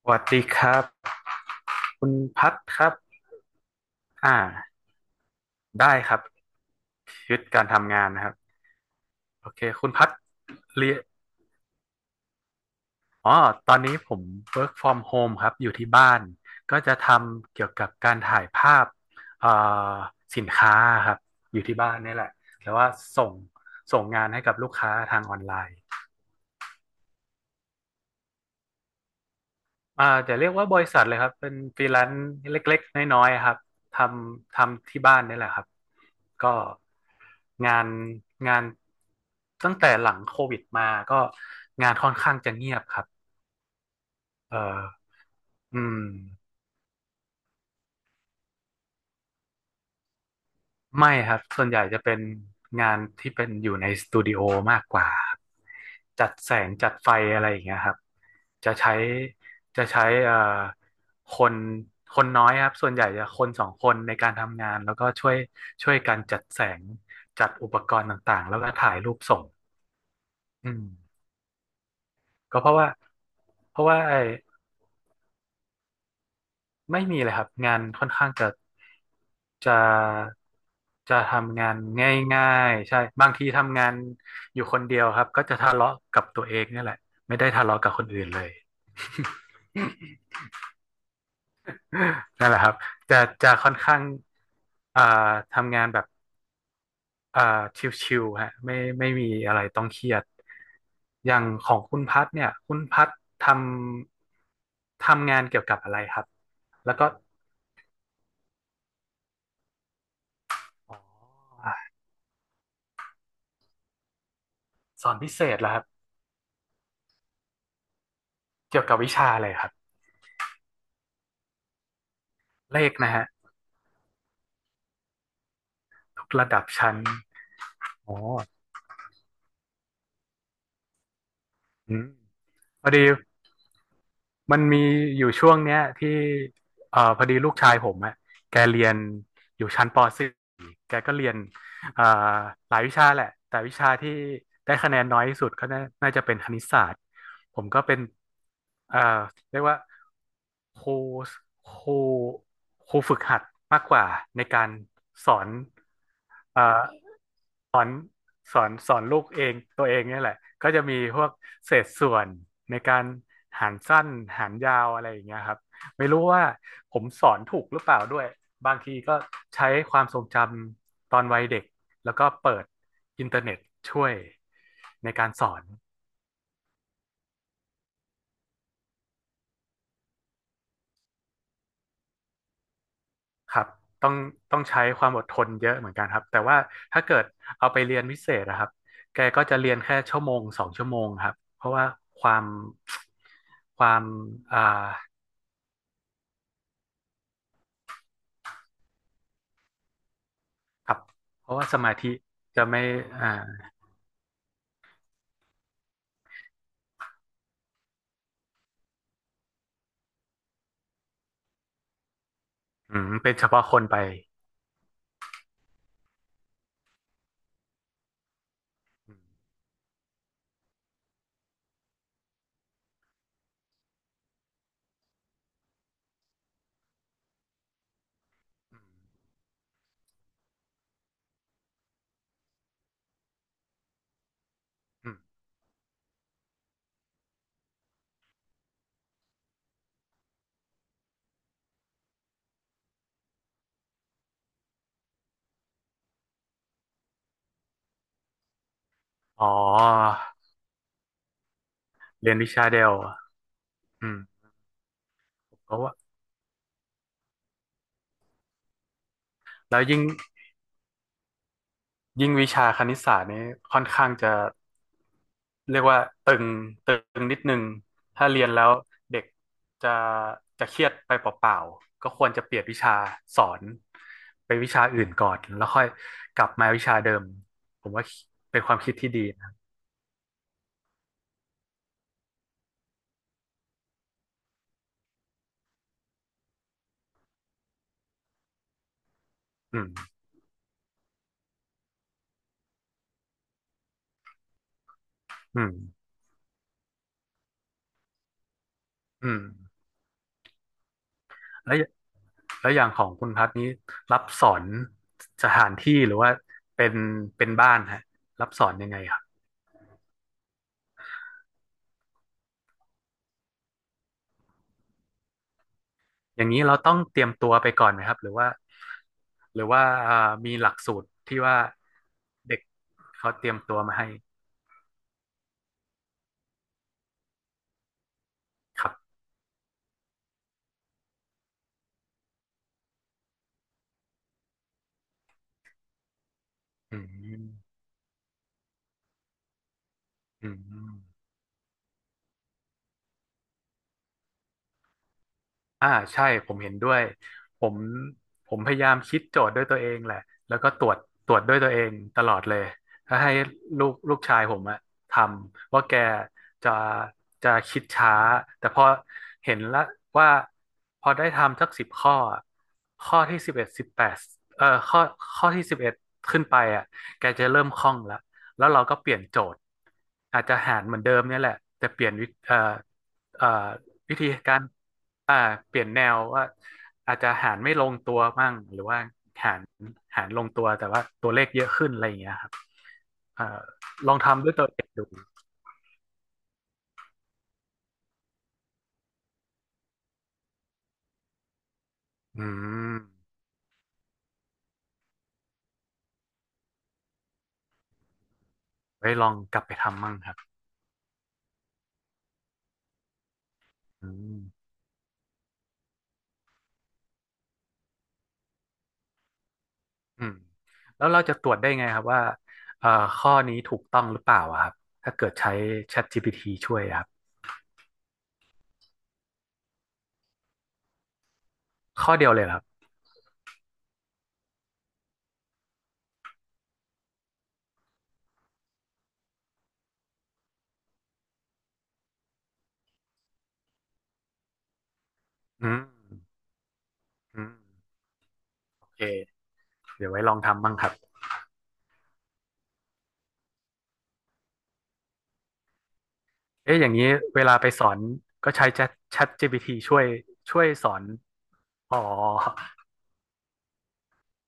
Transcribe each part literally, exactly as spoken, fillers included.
สวัสดีครับคุณพัดครับอ่าได้ครับชีวิตการทำงานนะครับโอเคคุณพัดเรียนอ๋อตอนนี้ผม work from home ครับอยู่ที่บ้านก็จะทำเกี่ยวกับการถ่ายภาพเอ่อสินค้าครับอยู่ที่บ้านนี่แหละแต่ว่าส่งส่งงานให้กับลูกค้าทางออนไลน์ อ่าจะเรียกว่าบริษัทเลยครับเป็นฟรีแลนซ์เล็กๆน้อยๆครับทำทำที่บ้านนี่แหละครับก็งานงานตั้งแต่หลังโควิดมาก็งานค่อนข้างจะเงียบครับเอออืม ไม่ครับส่วนใหญ่จะเป็นงานที่เป็นอยู่ในสตูดิโอมากกว่าจัดแสงจัดไฟอะไรอย่างเงี้ยครับจะใช้จะใช้เอ่อคนคนน้อยครับส่วนใหญ่จะคนสองคนในการทำงานแล้วก็ช่วยช่วยกันจัดแสงจัดอุปกรณ์ต่างๆแล้วก็ถ่ายรูปส่งอืมก็เพราะว่าเพราะว่าไอ้ ไม่มีเลยครับงานค่อนข้างจะจะจะทำงานง่ายๆใช่บางทีทำงานอยู่คนเดียวครับก็จะทะเลาะกับตัวเองเนี่ยแหละไม่ได้ทะเลาะกับคนอื่นเลย นั่นแหละครับจะจะค่อนข้างอ่าทำงานแบบอ่าชิวๆฮะไม่ไม่มีอะไรต้องเครียดอย่างของคุณพัดเนี่ยคุณพัดทำทำงานเกี่ยวกับอะไรครับแล้วก็อ๋อสอนพิเศษเหรอครับเกี่ยวกับวิชาอะไรครับ เลขนะฮะทุกระดับชั้นอ๋ออืมพอดีมันมีอยู่ช่วงเนี้ยที่เอ่อพอดีลูกชายผมอะแกเรียนอยู่ชั้นป .สี่ แกก็เรียนเอ่อหลายวิชาแหละแต่วิชาที่ได้คะแนนน้อยที่สุดก็น่าน่าจะเป็นคณิตศาสตร์ผมก็เป็นเอ่อเรียกว่าครูครูครูฝึกหัดมากกว่าในการสอนเอ่อ สอนสอนลูกเองตัวเองเนี่ยแหละก็จะมีพวกเศษส่วนในการหารสั้นหารยาวอะไรอย่างเงี้ยครับไม่รู้ว่าผมสอนถูกหรือเปล่าด้วยบางทีก็ใช้ความทรงจำตอนวัยเด็กแล้วก็เปิดอินเทอร์เน็ตช่วยในการสอนครับต้องต้องใช้ความอดทนเยอะเหมือนกันครับแต่ว่าถ้าเกิดเอาไปเรียนพิเศษนะครับแกก็จะเรียนแค่ชั่วโมงสองชั่วโมงครับเพราะว่าความความอ่า ครับเพราะว่าสมาธิจะไม่อ่าอืมเป็นเฉพาะคนไปอืมอืมอืมอ๋อเรียนวิชาเดียวอืมเพราะว่าแล้วยิ่งยิ่งวิชาคณิตศาสตร์นี้ค่อนข้างจะเรียกว่าตึงตึงนิดนึงถ้าเรียนแล้วเด็กจะจะเครียดไปเปล่าๆก็ควรจะเปลี่ยนวิชาสอนไปวิชาอื่นก่อนแล้วค่อยกลับมาวิชาเดิมผมว่าเป็นความคิดที่ดีนะอืมอืมอืม แล้วแล้วอย่างของคุณพัดนี้รับสอนสถานที่หรือว่าเป็นเป็นบ้านฮะรับสอนยังไงครับอย่างนี้เราต้องเตรียมตัวไปก่อนไหมครับหรือว่าหรือว่าอ่ามีหลักสูตรที่ว่าเด็กเขาเตรียมตัวมาให้ครับอืมอืม อ่าใช่ผมเห็นด้วยผมผมพยายามคิดโจทย์ด้วยตัวเองแหละแล้วก็ตรวจตรวจด้วยตัวเองตลอดเลยถ้าให้ลูกลูกชายผมอะทำว่าแกจะจะคิดช้าแต่พอเห็นละว่าพอได้ทำสักสิบข้ออะข้อที่สิบเอ็ดสิบแปดเอ่อข้อข้อที่สิบเอ็ดขึ้นไปอะแกจะเริ่มคล่องละแล้วเราก็เปลี่ยนโจทย์อาจจะหารเหมือนเดิมเนี่ยแหละแต่เปลี่ยนวิเอ่อเอ่อ วิธีการอ่าเปลี่ยนแนวว่าอาจจะหารไม่ลงตัวมั่งหรือว่าหารหารลงตัวแต่ว่าตัวเลขเยอะขึ้นอะไรอย่างเงี้ยครับเอ่อลองทำด้วยตัวเองดูอืมไว้ลองกลับไปทำมั่งครับอืมอืมแล้วเราจะตรวจได้ไงครับว่าเอ่อข้อนี้ถูกต้องหรือเปล่าอะครับถ้าเกิดใช้ ChatGPT ช่วยอะครับข้อเดียวเลยเหรอครับอืมอืมโอเคเดี๋ยวไว้ลองทำมั่งครับ เอ๊ะอย่างนี้เวลาไปสอนก็ใช้ Chat Chat จี พี ที ช่วยช่วยสอน อ๋อ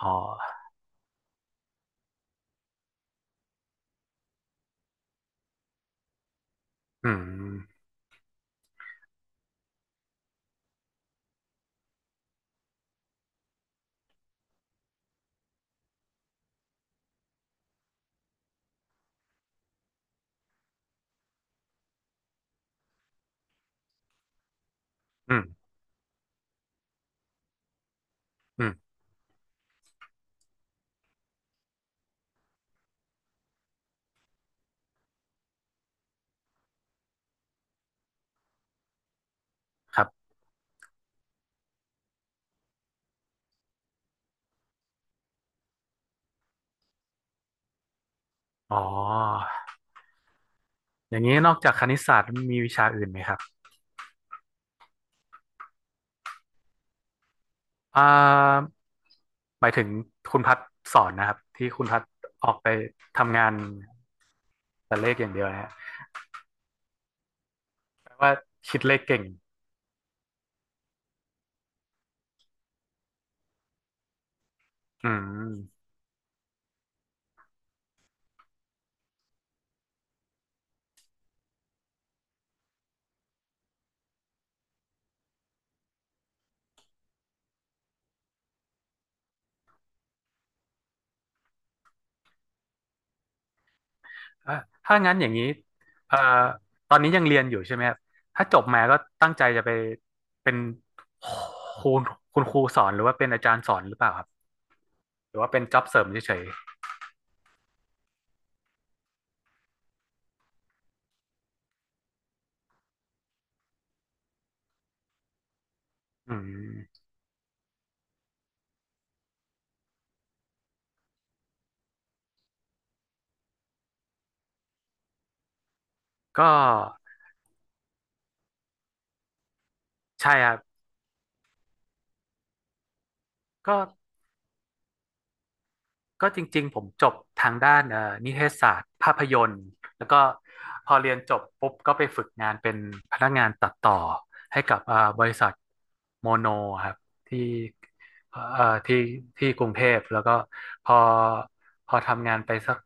อ๋ออืมอืมอืมครับอ๋อ อย่างนี้นอกจากคณิตศาสตร์มีวิชาอื่นไหมครับ อ่าหมายถึงคุณพัดสอนนะครับที่คุณพัดออกไปทำงานแต่เลขอย่างเดียวนะฮะแปลว่าคิดเลขเก่งอืม อ่ะถ้างั้นอย่างนี้เอ่อตอนนี้ยังเรียนอยู่ใช่ไหมครับถ้าจบมาก็ตั้งใจจะไปเป็นครูคุณครูสอนหรือว่าเป็นอาจารย์สอนหรือเปล่าครับ หรือว่าเป็นจ็อบเสริมเฉยๆอืมก็ใช่ครับก็ ก็จริงๆผมจบทางด้านเอ่อนิเทศศาสตร์ภาพยนตร์แล้วก็พอเรียนจบปุ๊บก็ไปฝึกงานเป็นพนักงานตัดต่อให้กับเอ่อบริษัทโมโนครับที่เอ่อที่ที่กรุงเทพแล้วก็พอพอทำงานไปสัก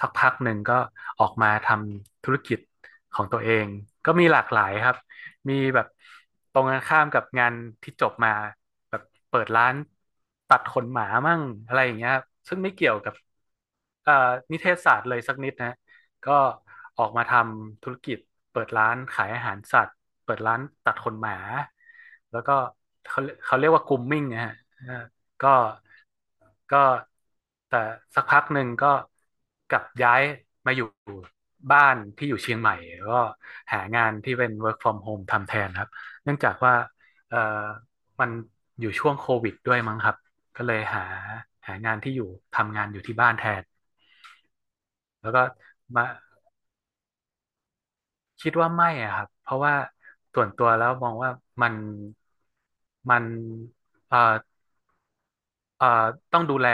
สักพักหนึ่งก็ออกมาทำธุรกิจของตัวเองก็มีหลากหลายครับ มีแบบตรงกันข้ามกับงานที่จบมาแบบเปิดร้านตัดขนหมามั่งอะไรอย่างเงี้ยครับซึ่งไม่เกี่ยวกับเอ่อนิเทศศาสตร์เลยสักนิดนะก็ออกมาทำธุรกิจเปิดร้านขายอาหารสัตว์เปิดร้านตัดขนหมาแล้วก็เขาเขาเรียกว่า grooming นะฮะ ก็ก็แต่สักพักหนึ่งก็กลับย้ายมาอยู่บ้านที่อยู่เชียงใหม่ก็หางานที่เป็น work from home ทำแทนครับเนื่องจากว่าเอ่อมันอยู่ช่วงโควิดด้วยมั้งครับ ก็เลยหาหางานที่อยู่ทำงานอยู่ที่บ้านแทน แล้วก็มาคิดว่าไม่อะครับ เพราะว่าส่วนตัวแล้วมองว่ามันมันเอ่อ เอ่อต้องดูแล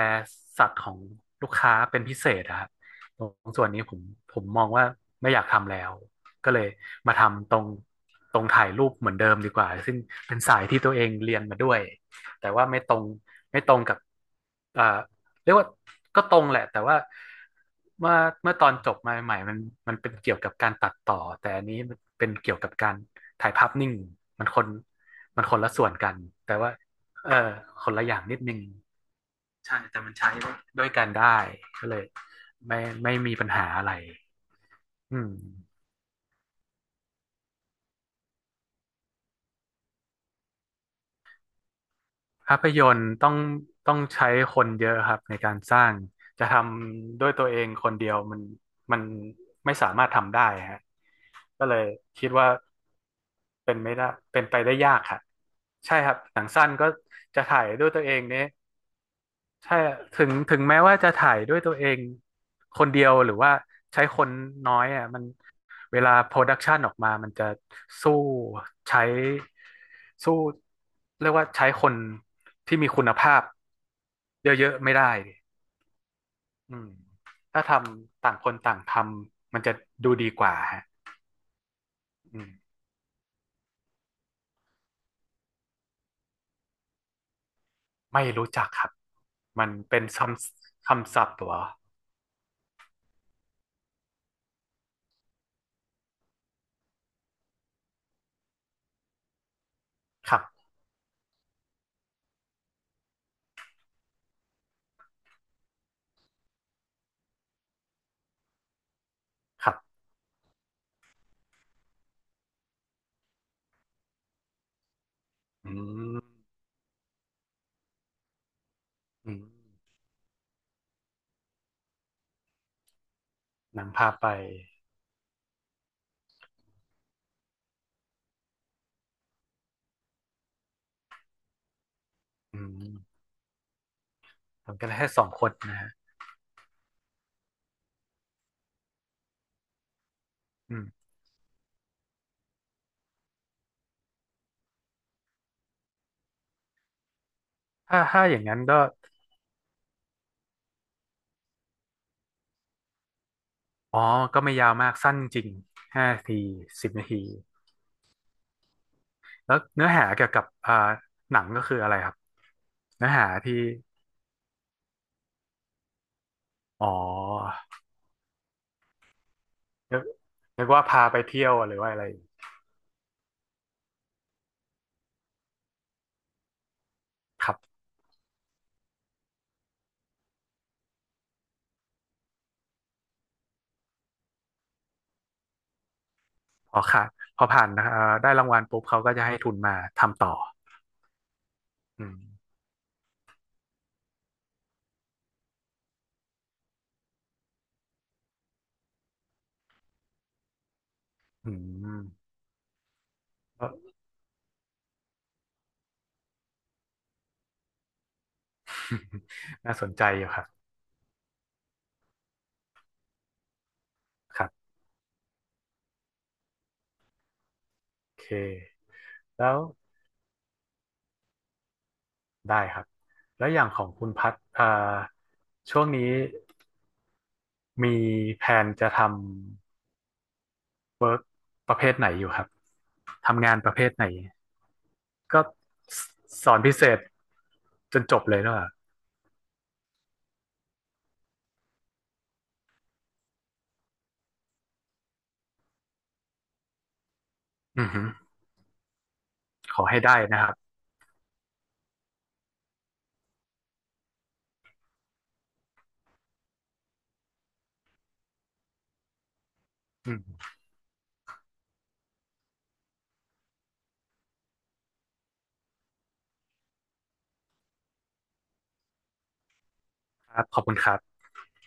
สัตว์ของลูกค้าเป็นพิเศษอะครับตรงส่วนนี้ผมผมมองว่าไม่อยากทำแล้วก็เลยมาทำตรงตรงถ่ายรูปเหมือนเดิมดีกว่าซึ่งเป็นสายที่ตัวเองเรียนมาด้วยแต่ว่าไม่ตรงไม่ตรงกับเอ่อเรียกว่าก็ตรงแหละแต่ว่าเมื่อเมื่อตอนจบมาใหม่ๆมันมันเป็นเกี่ยวกับการตัดต่อแต่อันนี้มันเป็นเกี่ยวกับการถ่ายภาพนิ่งมันคนมันคนละส่วนกันแต่ว่าเออคนละอย่างนิดนึง ใช่แต่มันใช้ด้วยกันได้ก็เลยไม่ไม่มีปัญหาอะไรอืมภาพยนตร์ต้องต้องใช้คนเยอะครับในการสร้างจะทำด้วยตัวเองคนเดียวมันมันไม่สามารถทำได้ฮะก็เลยคิดว่าเป็นไม่ได้เป็นไปได้ยากครับใช่ครับหนังสั้นก็จะถ่ายด้วยตัวเองเนี่ย ใช่ถึงถึงแม้ว่าจะถ่ายด้วยตัวเองคนเดียวหรือว่าใช้คนน้อยอ่ะมันเวลาโปรดักชันออกมามันจะสู้ใช้สู้เรียกว่าใช้คนที่มีคุณภาพเยอะๆไม่ได้ดิอืมถ้าทำต่างคนต่างทำมันจะดูดีกว่าฮะอืมไม่รู้จักครับมันเป็นคำคำศัพท์เหรอครับครับอืมอืมนำพาพไปอืม ทำกันแค่สองคนนะฮะอืมถ้าถ้าอย่างนั้นก็ อ๋อ ก็ไม่ยาวมากสั้นจริงห้านาทีสิบนาที แล้วเนื้อหาเกี่ยวกับอ่าหนังก็คืออะไรครับ เนื้อหาที่ อ๋อนึกนึกว่าพาไปเที่ยวหรือว่าอะไรครับพอค่ะพอผ่านนะเอ่อได้รางวัลปุ๊บเขาก็จะให้ทุนมาทำต่ออืมอืมก็น่าสนใจอยู่ครับครับ โอเค แล้วได้ครับ แล้วอย่างของคุณพัดเอ่อช่วงนี้ มีแผนจะทำประเภทไหนอยู่ครับ ทำงานประเภทไหน ก็สสอนพิเศษจนจบเลยเนอะอือหือขอให้ได้นะครับอืมครับขอบคุณครับ